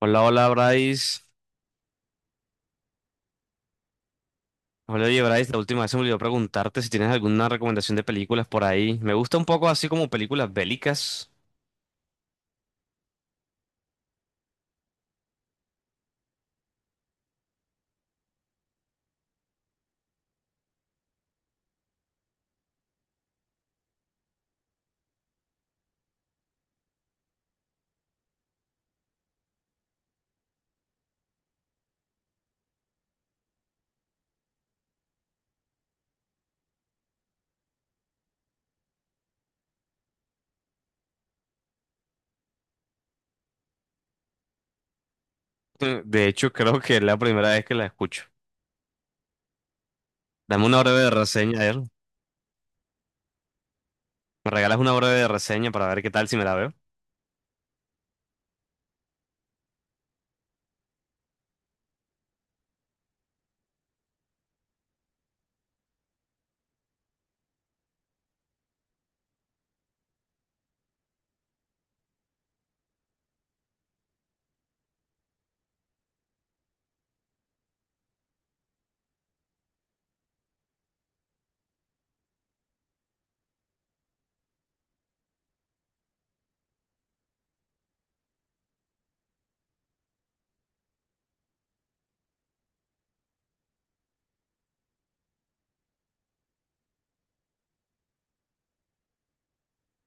Hola, hola Bryce. Hola, oye Bryce, la última vez se me olvidó preguntarte si tienes alguna recomendación de películas por ahí. Me gusta un poco así como películas bélicas. De hecho, creo que es la primera vez que la escucho. Dame una breve reseña, a ver. ¿Me regalas una breve reseña para ver qué tal si me la veo?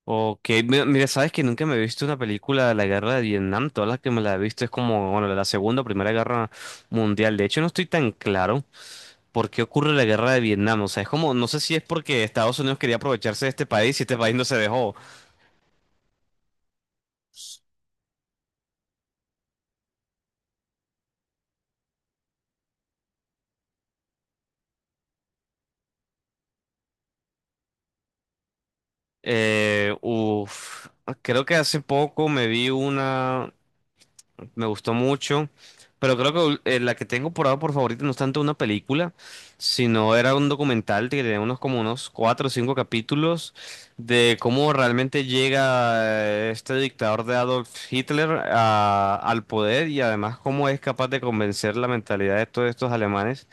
Ok, mira, sabes que nunca me he visto una película de la guerra de Vietnam. Todas las que me la he visto es como, bueno, la segunda o primera guerra mundial. De hecho, no estoy tan claro por qué ocurre la guerra de Vietnam. O sea, es como, no sé si es porque Estados Unidos quería aprovecharse de este país y este país no se dejó. Eh, uf, creo que hace poco me vi una, me gustó mucho, pero creo que la que tengo por ahora por favorita no es tanto una película, sino era un documental que tenía unos como unos 4 o 5 capítulos de cómo realmente llega este dictador de Adolf Hitler al poder y además cómo es capaz de convencer la mentalidad de todos estos alemanes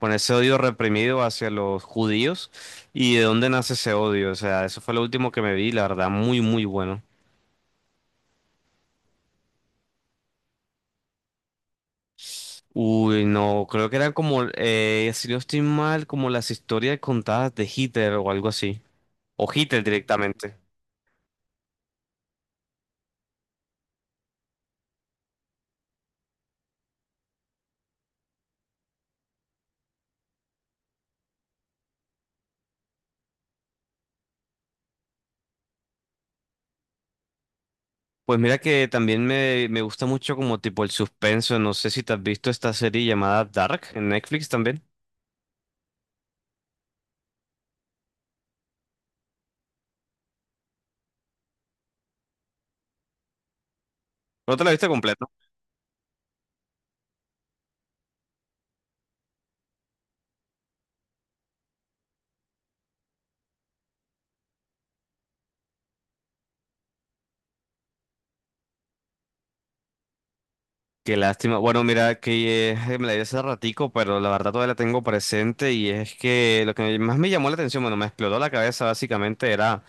con ese odio reprimido hacia los judíos y de dónde nace ese odio. O sea, eso fue lo último que me vi, la verdad, muy, muy bueno. Uy, no, creo que eran como, si no estoy mal, como las historias contadas de Hitler o algo así. O Hitler directamente. Pues mira que también me gusta mucho como tipo el suspenso. No sé si te has visto esta serie llamada Dark en Netflix también. ¿No te la viste completa? Qué lástima. Bueno, mira, que me la di hace ratico, pero la verdad todavía la tengo presente y es que lo que más me llamó la atención, bueno, me explotó la cabeza básicamente era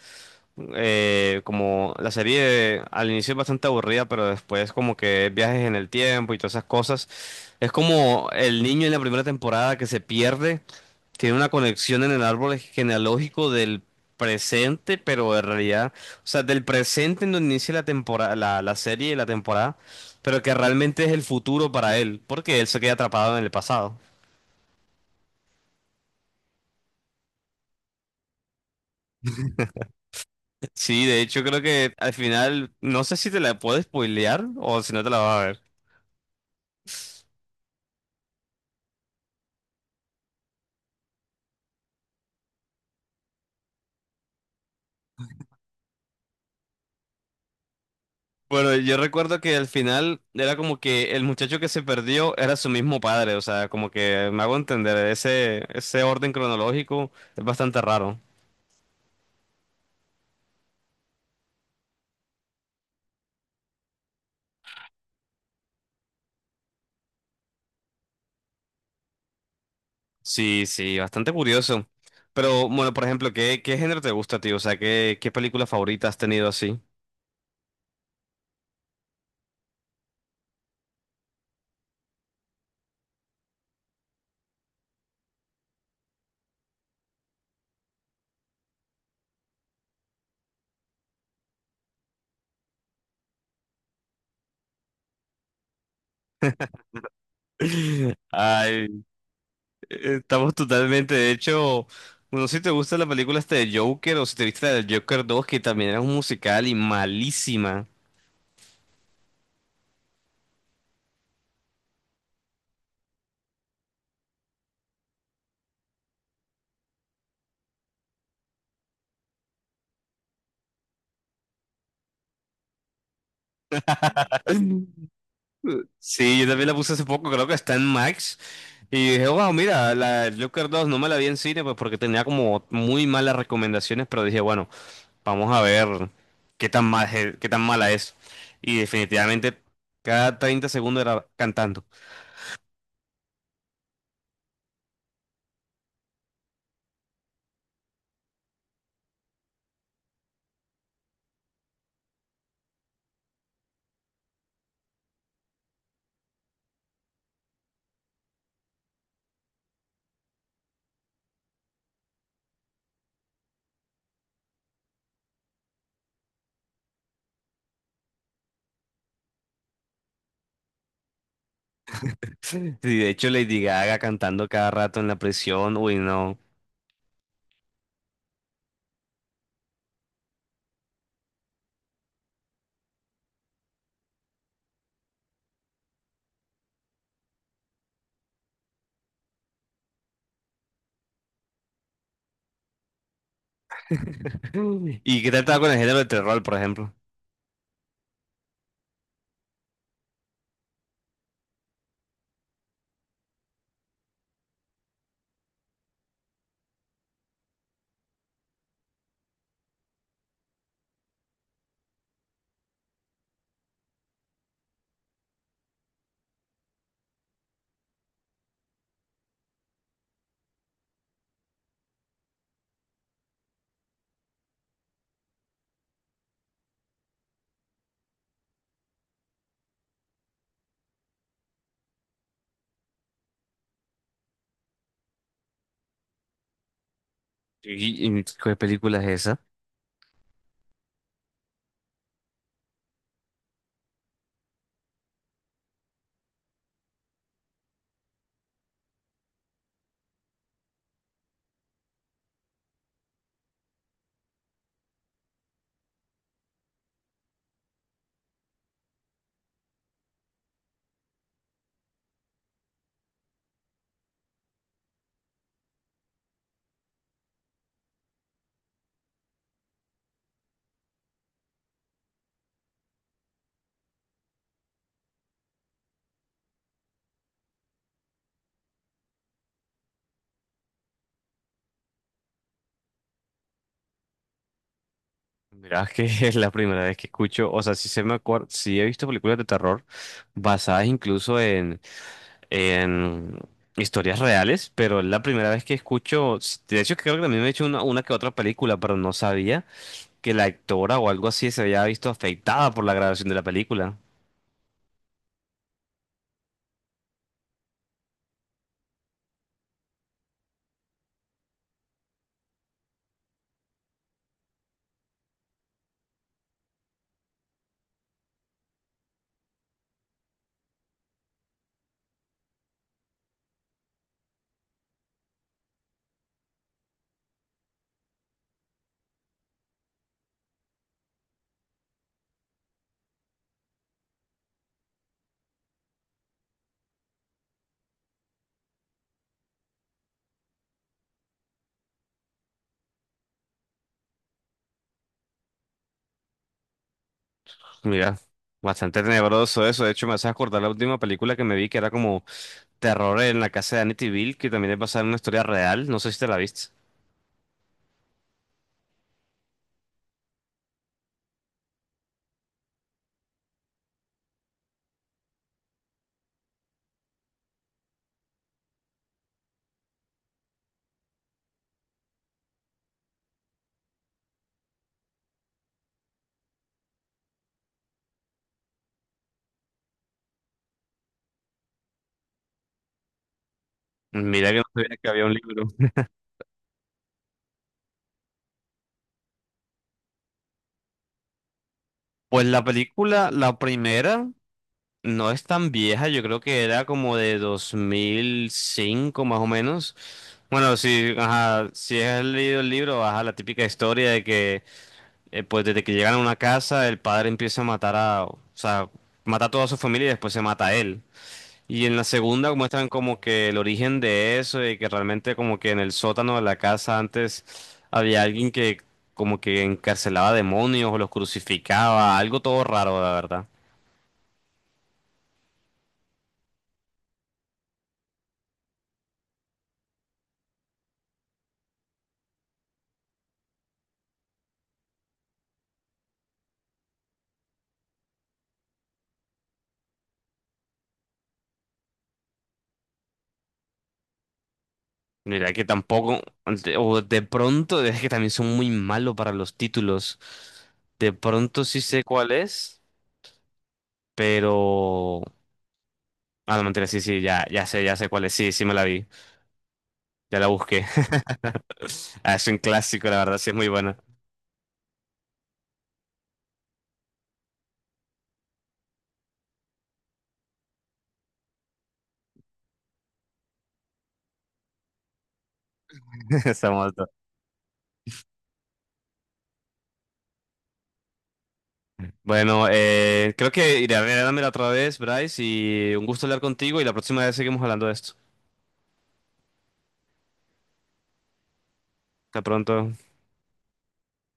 como la serie al inicio es bastante aburrida, pero después como que viajes en el tiempo y todas esas cosas. Es como el niño en la primera temporada que se pierde tiene una conexión en el árbol genealógico del presente, pero en realidad, o sea, del presente en donde inicia la temporada, la serie y la temporada, pero que realmente es el futuro para él, porque él se queda atrapado en el pasado. Sí, de hecho creo que al final, no sé si te la puedo spoilear o si no te la vas a ver. Bueno, yo recuerdo que al final era como que el muchacho que se perdió era su mismo padre, o sea, como que me hago entender, ese orden cronológico es bastante raro. Sí, sí, bastante curioso. Pero bueno, por ejemplo, ¿qué género te gusta, tío? O sea, ¿qué película favorita has tenido así? Ay, estamos totalmente, de hecho, bueno, si te gusta la película este de Joker o si te viste la del Joker dos que también era un musical y malísima. Sí, yo también la puse hace poco, creo que está en Max. Y dije, wow, mira, la del Joker dos no me la vi en cine, pues porque tenía como muy malas recomendaciones, pero dije, bueno. Vamos a ver qué tan mal, qué tan mala es. Y definitivamente cada 30 segundos era cantando. Y de hecho Lady Gaga cantando cada rato en la prisión, uy, no. ¿Y qué tal estaba con el género de terror, por ejemplo? Y qué película es esa? Mirá que es la primera vez que escucho, o sea, sí se me acuerdo, sí he visto películas de terror basadas incluso en historias reales, pero es la primera vez que escucho, de hecho creo que también me he hecho una que otra película, pero no sabía que la actora o algo así se había visto afectada por la grabación de la película. Mira, bastante tenebroso eso, de hecho me hace acordar la última película que me vi que era como terror en la casa de Bill, que también es basada en una historia real, no sé si te la viste. Mira que no sabía que había un libro. Pues la película, la primera, no es tan vieja, yo creo que era como de 2005 más o menos. Bueno, si, ajá, si has leído el libro, ajá, la típica historia de que pues desde que llegan a una casa el padre empieza a matar a, o sea, mata a toda su familia y después se mata a él. Y en la segunda muestran como que el origen de eso y que realmente como que en el sótano de la casa antes había alguien que como que encarcelaba demonios o los crucificaba, algo todo raro, la verdad. Mira que tampoco, o de pronto, es que también son muy malos para los títulos. De pronto sí sé cuál es, pero... Ah, no, mentira, sí, sí, ya sé cuál es, sí, sí me la vi, ya la busqué. Ah, es un clásico, la verdad, sí es muy buena. Estamos Bueno, creo que iré a verla otra vez, Bryce, y un gusto hablar contigo y la próxima vez seguimos hablando de esto. Hasta pronto.